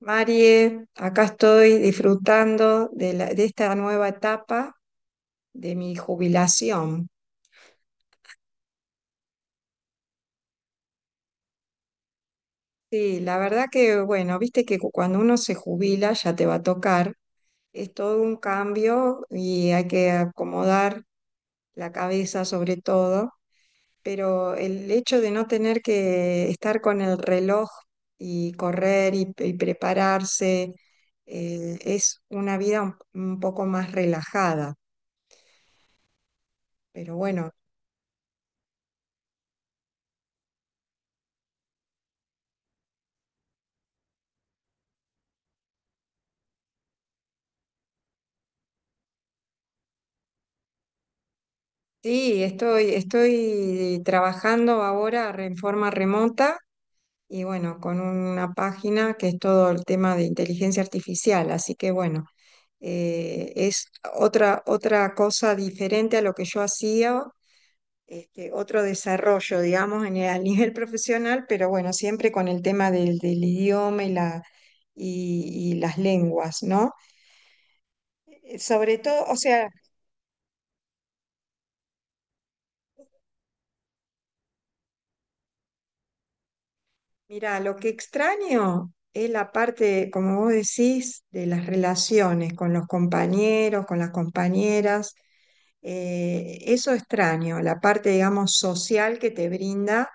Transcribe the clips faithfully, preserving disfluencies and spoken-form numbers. Marie, acá estoy disfrutando de, la- de esta nueva etapa de mi jubilación. Sí, la verdad que, bueno, viste que cu- cuando uno se jubila ya te va a tocar, es todo un cambio y hay que acomodar la cabeza sobre todo, pero el hecho de no tener que estar con el reloj y correr y, y prepararse, eh, es una vida un un poco más relajada. Pero bueno, sí, estoy, estoy trabajando ahora re- en forma remota y bueno, con una página que es todo el tema de inteligencia artificial, así que bueno, eh, es otra, otra cosa diferente a lo que yo hacía, este, otro desarrollo, digamos, en el- a nivel profesional, pero bueno, siempre con el tema del, del idioma y la, y, y las lenguas, ¿no? Sobre todo, o sea... Mira, lo que extraño es la parte, como vos decís, de las relaciones con los compañeros, con las compañeras. Eh, eso extraño, la parte, digamos, social que te brinda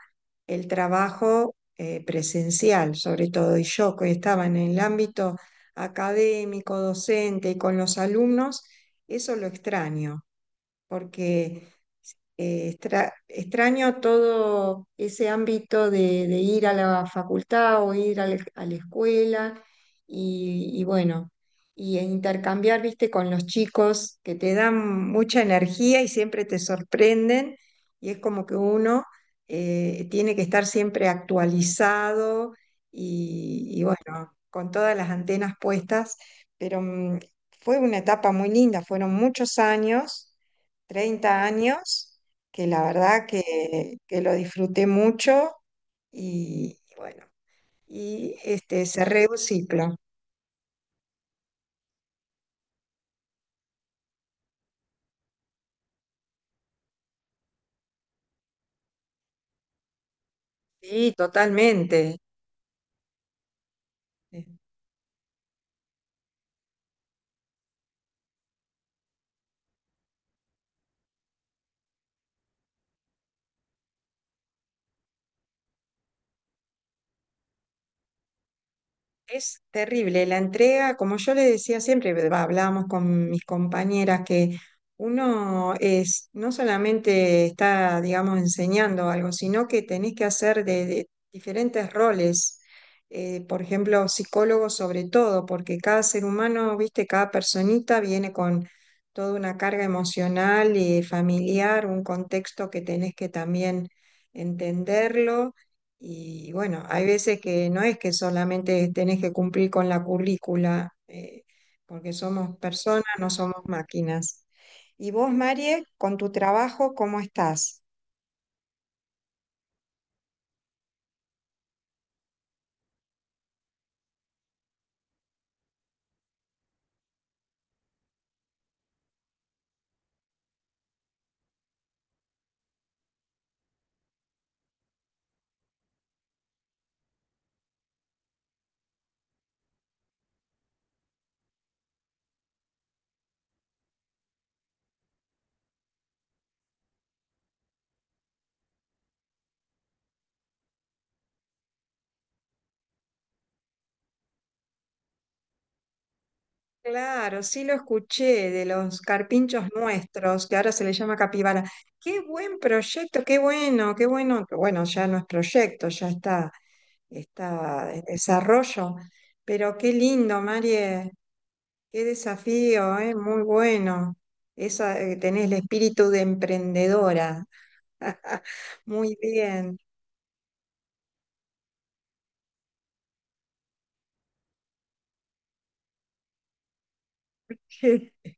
el trabajo, eh, presencial, sobre todo. Y yo, que estaba en el ámbito académico, docente y con los alumnos, eso lo extraño, porque eh, extra- extraño todo ese ámbito de, de ir a la facultad o ir a la, a la escuela y, y bueno, y e intercambiar, viste, con los chicos que te dan mucha energía y siempre te sorprenden y es como que uno, eh, tiene que estar siempre actualizado y, y bueno, con todas las antenas puestas, pero mm, fue una etapa muy linda, fueron muchos años. Treinta años que la verdad que, que lo disfruté mucho y bueno, y este, cerré un ciclo. Sí, totalmente. Es terrible la entrega, como yo le decía siempre, va, hablábamos con mis compañeras, que uno es, no solamente está, digamos, enseñando algo, sino que tenés que hacer de, de diferentes roles. Eh, por ejemplo, psicólogo sobre todo, porque cada ser humano, viste, cada personita viene con toda una carga emocional y familiar, un contexto que tenés que también entenderlo y bueno, hay veces que no es que solamente tenés que cumplir con la currícula, eh, porque somos personas, no somos máquinas. Y vos, Marie, con tu trabajo, ¿cómo estás? Claro, sí lo escuché de los carpinchos nuestros, que ahora se le llama capibara. Qué buen proyecto, qué bueno, qué bueno, que bueno, ya no es proyecto, ya está, está en desarrollo, pero qué lindo, Marie, qué desafío, ¿eh? Muy bueno. Esa, eh, tenés el espíritu de emprendedora. Muy bien.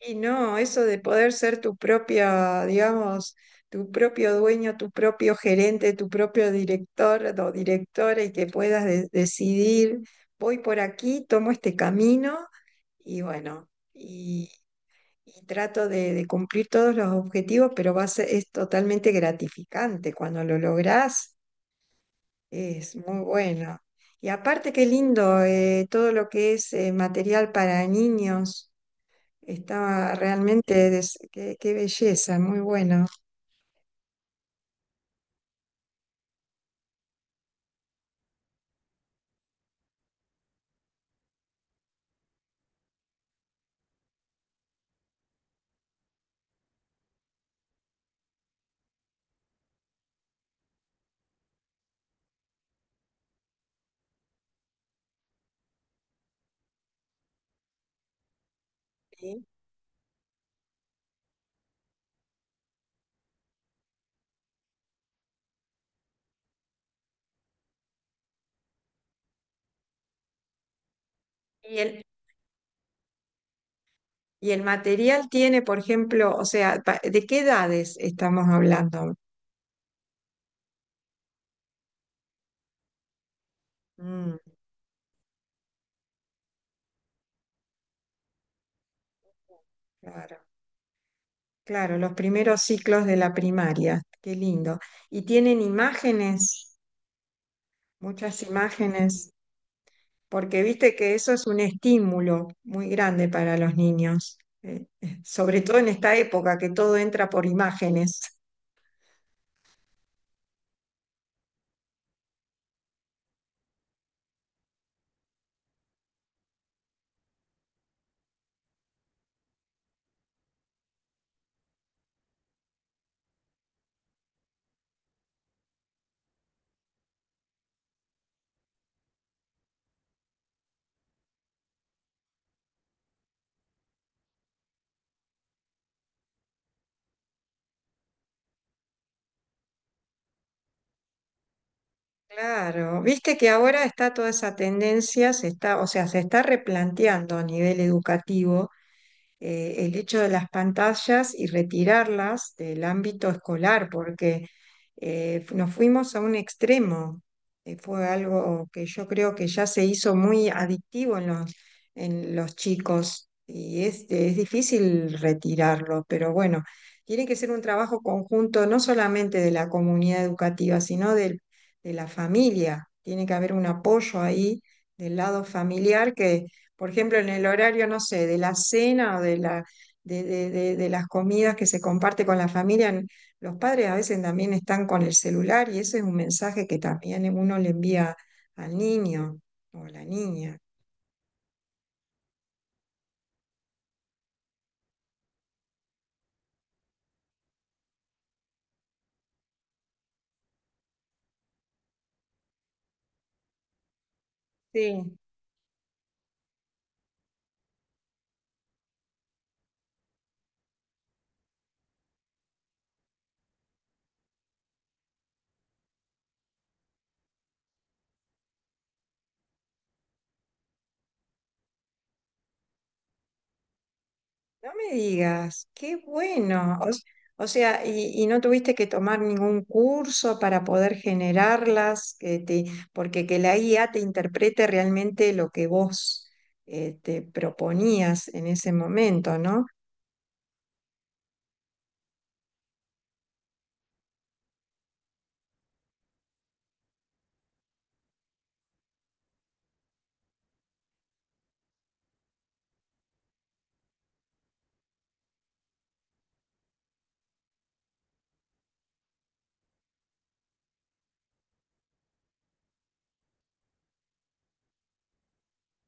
Y no, eso de poder ser tu propia, digamos, tu propio dueño, tu propio gerente, tu propio director o directora y que puedas de- decidir, voy por aquí, tomo este camino y bueno, y, y trato de, de cumplir todos los objetivos, pero va a ser, es totalmente gratificante. Cuando lo lográs, es muy bueno. Y aparte, qué lindo, eh, todo lo que es, eh, material para niños. Estaba realmente, des- qué, qué- belleza, muy bueno. Sí. Y el, y el material tiene, por ejemplo, o sea, pa- ¿de qué edades estamos hablando? Mm, claro, claro, los primeros ciclos de la primaria, qué lindo. Y tienen imágenes, muchas imágenes, porque viste que eso es un estímulo muy grande para los niños, eh, eh, sobre todo en esta época que todo entra por imágenes. Claro, viste que ahora está toda esa tendencia, se está, o sea, se está replanteando a nivel educativo, eh, el hecho de las pantallas y retirarlas del ámbito escolar, porque, eh, nos fuimos a un extremo. Eh, fue algo que yo creo que ya se hizo muy adictivo en los, en los chicos y es, es difícil retirarlo, pero bueno, tiene que ser un trabajo conjunto no solamente de la comunidad educativa, sino del- de la familia. Tiene que haber un apoyo ahí del lado familiar que, por ejemplo, en el horario, no sé, de la cena o de la, de, de- de- de las comidas que se comparte con la familia, n- los padres a veces también están con el celular y ese es un mensaje que también uno le envía al niño o a la niña. Sí, no me digas, qué bueno. O, s- o sea, y, y no tuviste que tomar ningún curso para poder generarlas, que te- porque que la I A te interprete realmente lo que vos, eh, te proponías en ese momento, ¿no?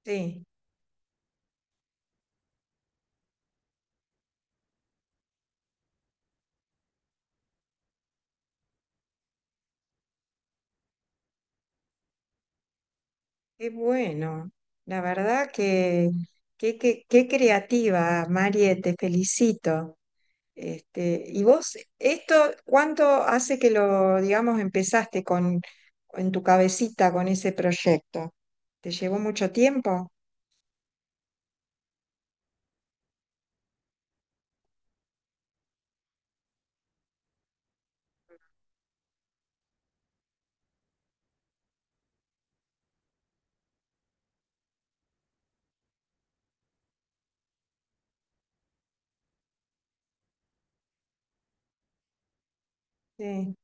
Sí, qué bueno. La verdad que qué, qué- qué creativa, Marie, te felicito. Este, y vos, esto, ¿cuánto hace que lo, digamos, empezaste con, en tu cabecita, con ese proyecto? ¿Te llevó mucho tiempo? Sí.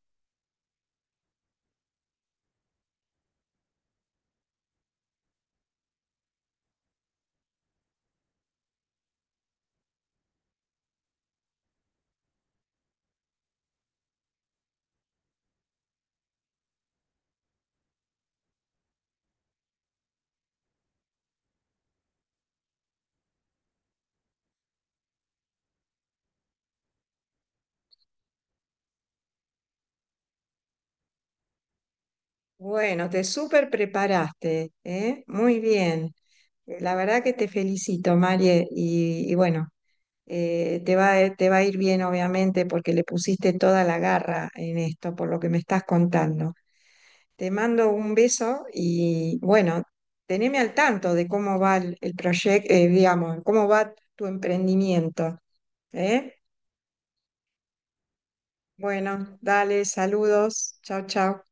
Bueno, te súper preparaste, ¿eh? Muy bien. Eh, La verdad que te felicito, Marie, y, y bueno, eh, te va, a- te va a ir bien, obviamente, porque le pusiste toda la garra en esto, por lo que me estás contando. Te mando un beso y bueno, teneme al tanto de cómo va el, proyecto, digamos, cómo va tu emprendimiento, ¿eh? Bueno, dale, saludos, chao, chao.